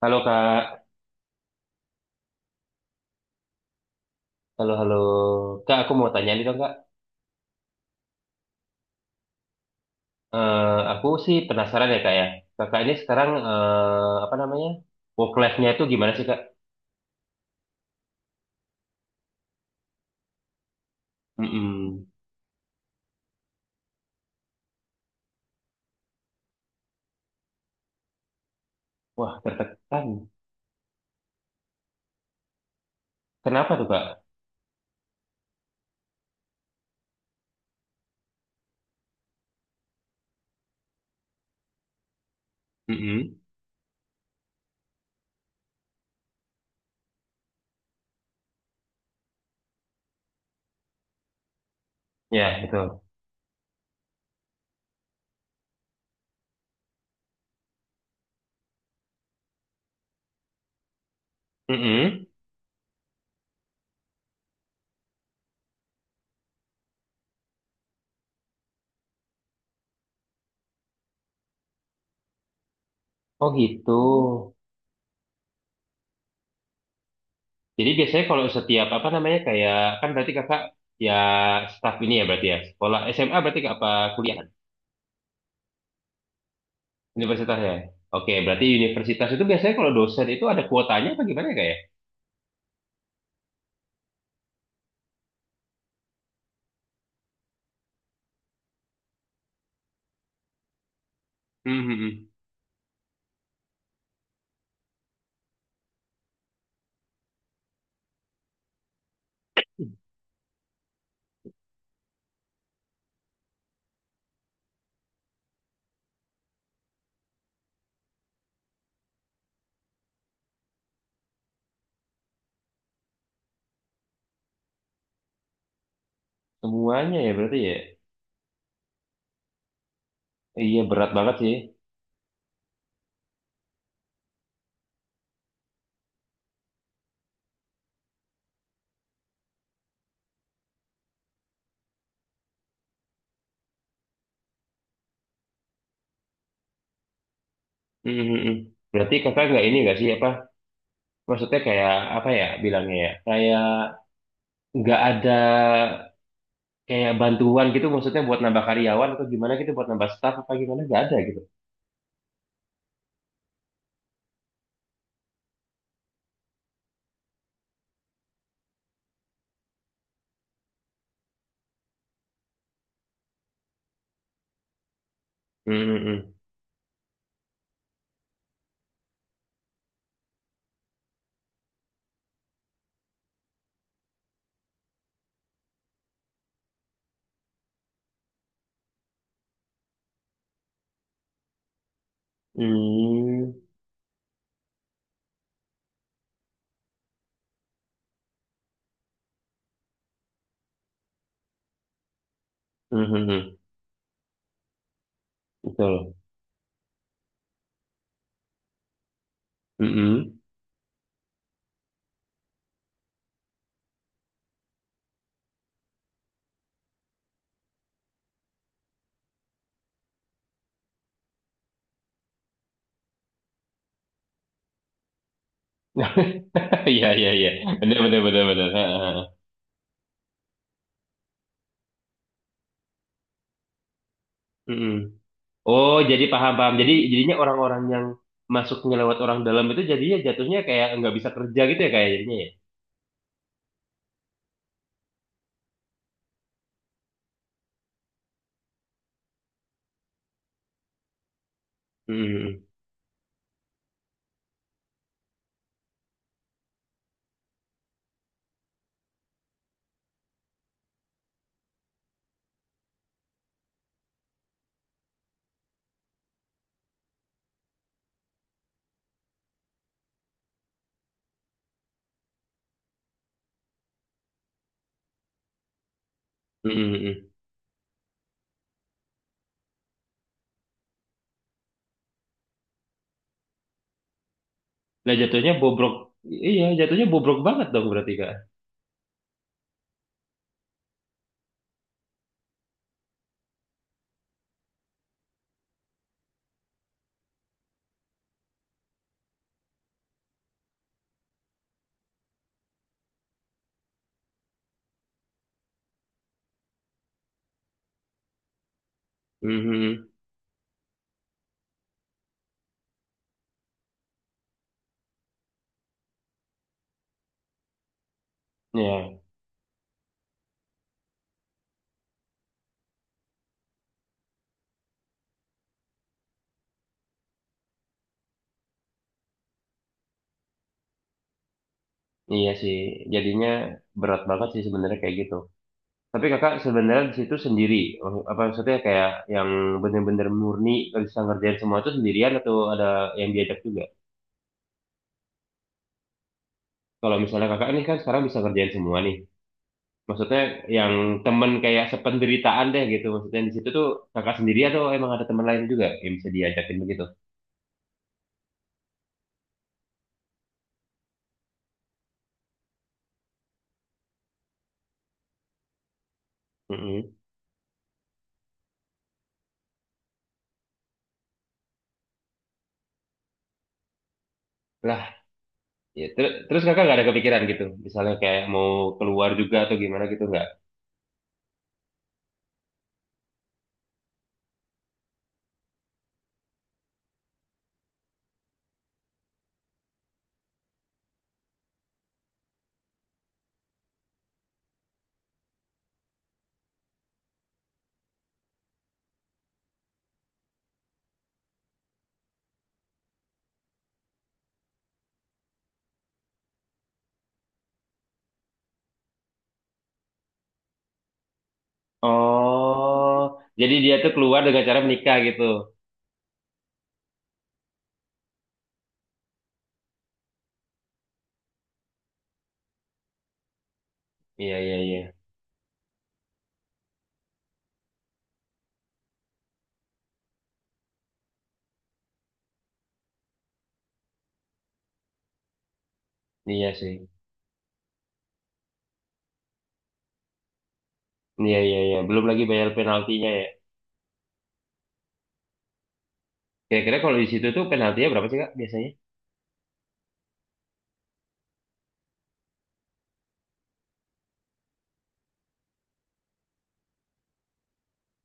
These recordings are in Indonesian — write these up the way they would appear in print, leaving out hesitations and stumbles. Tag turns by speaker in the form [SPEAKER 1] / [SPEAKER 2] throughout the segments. [SPEAKER 1] Halo Kak, halo halo. Kak, aku mau tanya nih dong Kak. Eh, aku sih penasaran ya Kak ya. Kakak ini sekarang apa namanya? Work life-nya itu gimana sih Kak? Mm-mm. Wah, tertekan. Kenapa tuh Kak? Mm-mm. Ya, betul. Mm-mm. Oh gitu. Jadi biasanya kalau setiap apa namanya kayak kan berarti Kakak ya staff ini ya berarti ya. Sekolah SMA berarti Kak apa kuliah? Universitas ya. Oke, berarti universitas itu biasanya kalau dosen itu ada kuotanya apa gimana ya, Kak ya? Mm-mm. Semuanya ya berarti ya. Iya berat banget sih. Mhm, mhm. Berarti kakak nggak ini nggak sih apa? Maksudnya kayak apa ya bilangnya ya? Kayak nggak ada kayak bantuan gitu maksudnya buat nambah karyawan atau gimana gitu buat nambah staff apa gimana nggak ada gitu. Mhm, mhm. Hmm. Mhm, mhm. Betul. Mhm. Iya iya iya. Benar benar benar benar. Ha, ha, ha. Mhm. Oh jadi paham paham. Jadi jadinya orang-orang yang masuknya lewat orang dalam itu jadinya jatuhnya kayak nggak bisa kerja gitu ya kayak jadinya ya? Mm-mm. Mm-mm. Nah jatuhnya bobrok, iya jatuhnya bobrok banget dong berarti kak. Mhm. Iya, iya sih. Jadinya berat banget sih sebenarnya kayak gitu. Tapi kakak sebenarnya di situ sendiri, oh, apa maksudnya kayak yang bener-bener murni bisa ngerjain semua itu sendirian atau ada yang diajak juga? Kalau misalnya kakak ini kan sekarang bisa ngerjain semua nih. Maksudnya yang temen kayak sependeritaan deh gitu. Maksudnya di situ tuh kakak sendiri atau emang ada teman lain juga yang bisa diajakin begitu? Mhm. Lah, ya, terus kakak nggak ada kepikiran gitu, misalnya kayak mau keluar juga atau gimana gitu nggak? Oh, jadi dia tuh keluar dengan cara menikah gitu. Iya iya iya, iya sih. Iya iya iya, belum lagi bayar penaltinya ya. Kira-kira kalau di situ tuh penaltinya berapa sih kak biasanya?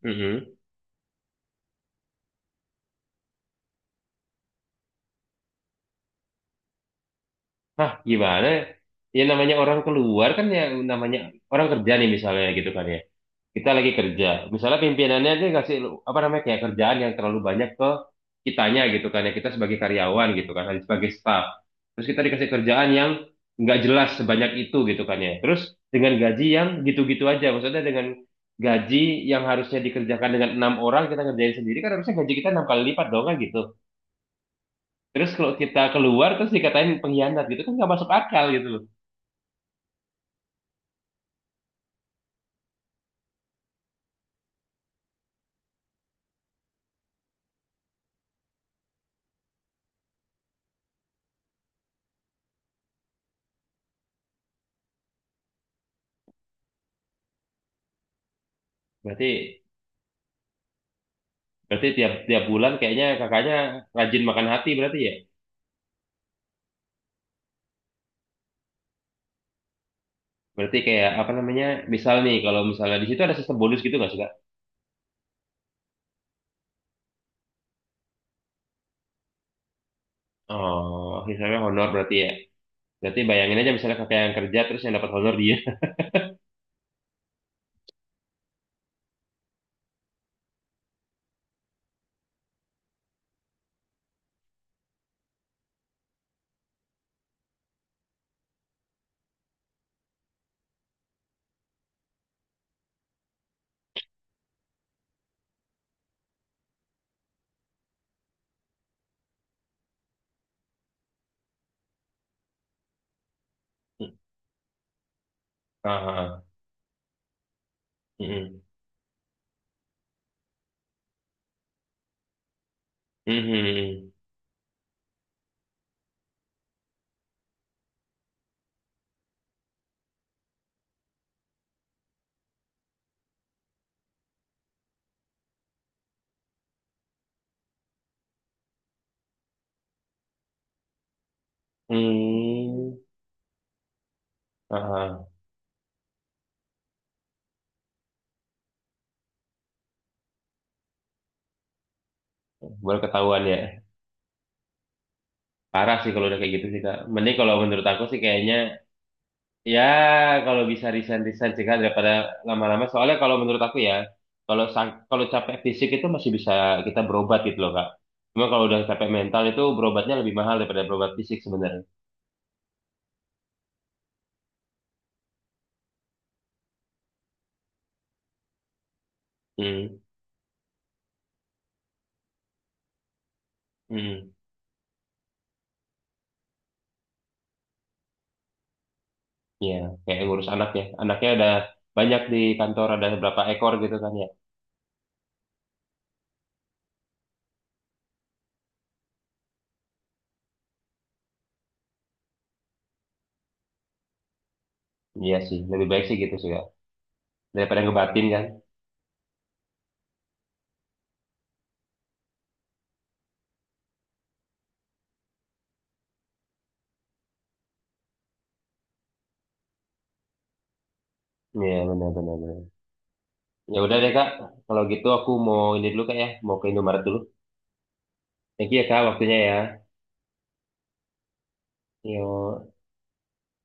[SPEAKER 1] Mm. Hah, gimana? Ya namanya orang keluar kan ya, namanya orang kerja nih misalnya gitu kan ya. Kita lagi kerja. Misalnya pimpinannya dia ngasih apa namanya kayak kerjaan yang terlalu banyak ke kitanya gitu kan ya, kita sebagai karyawan gitu kan sebagai staff. Terus kita dikasih kerjaan yang nggak jelas sebanyak itu gitu kan ya. Terus dengan gaji yang gitu-gitu aja. Maksudnya dengan gaji yang harusnya dikerjakan dengan enam orang kita ngerjain sendiri kan harusnya gaji kita enam kali lipat dong kan gitu. Terus kalau kita keluar terus dikatain pengkhianat gitu kan nggak masuk akal gitu loh. Berarti Berarti tiap tiap bulan kayaknya kakaknya rajin makan hati berarti ya. Berarti kayak apa namanya? Misal nih kalau misalnya di situ ada sistem bonus gitu nggak sih Kak? Oh, misalnya honor berarti ya. Berarti bayangin aja misalnya kakak yang kerja terus yang dapat honor dia. Ah, mm. Baru ketahuan ya. Parah sih kalau udah kayak gitu sih Kak. Mending kalau menurut aku sih kayaknya ya, kalau bisa resign-resign cegah daripada lama-lama. Soalnya kalau menurut aku ya, kalau kalau capek fisik itu masih bisa kita berobat gitu loh, Kak. Cuma kalau udah capek mental itu berobatnya lebih mahal daripada berobat fisik sebenarnya. Hmm, hmm. Ya, kayak ngurus anak ya. Anaknya ada banyak di kantor, ada berapa ekor gitu kan ya. Iya sih, lebih baik sih gitu sih, Kak. Daripada ngebatin kan. Iya, benar-benar. Ya udah deh, Kak. Kalau gitu aku mau ini dulu, Kak ya. Mau ke Indomaret dulu. Thank you ya, Kak, waktunya ya. Yo.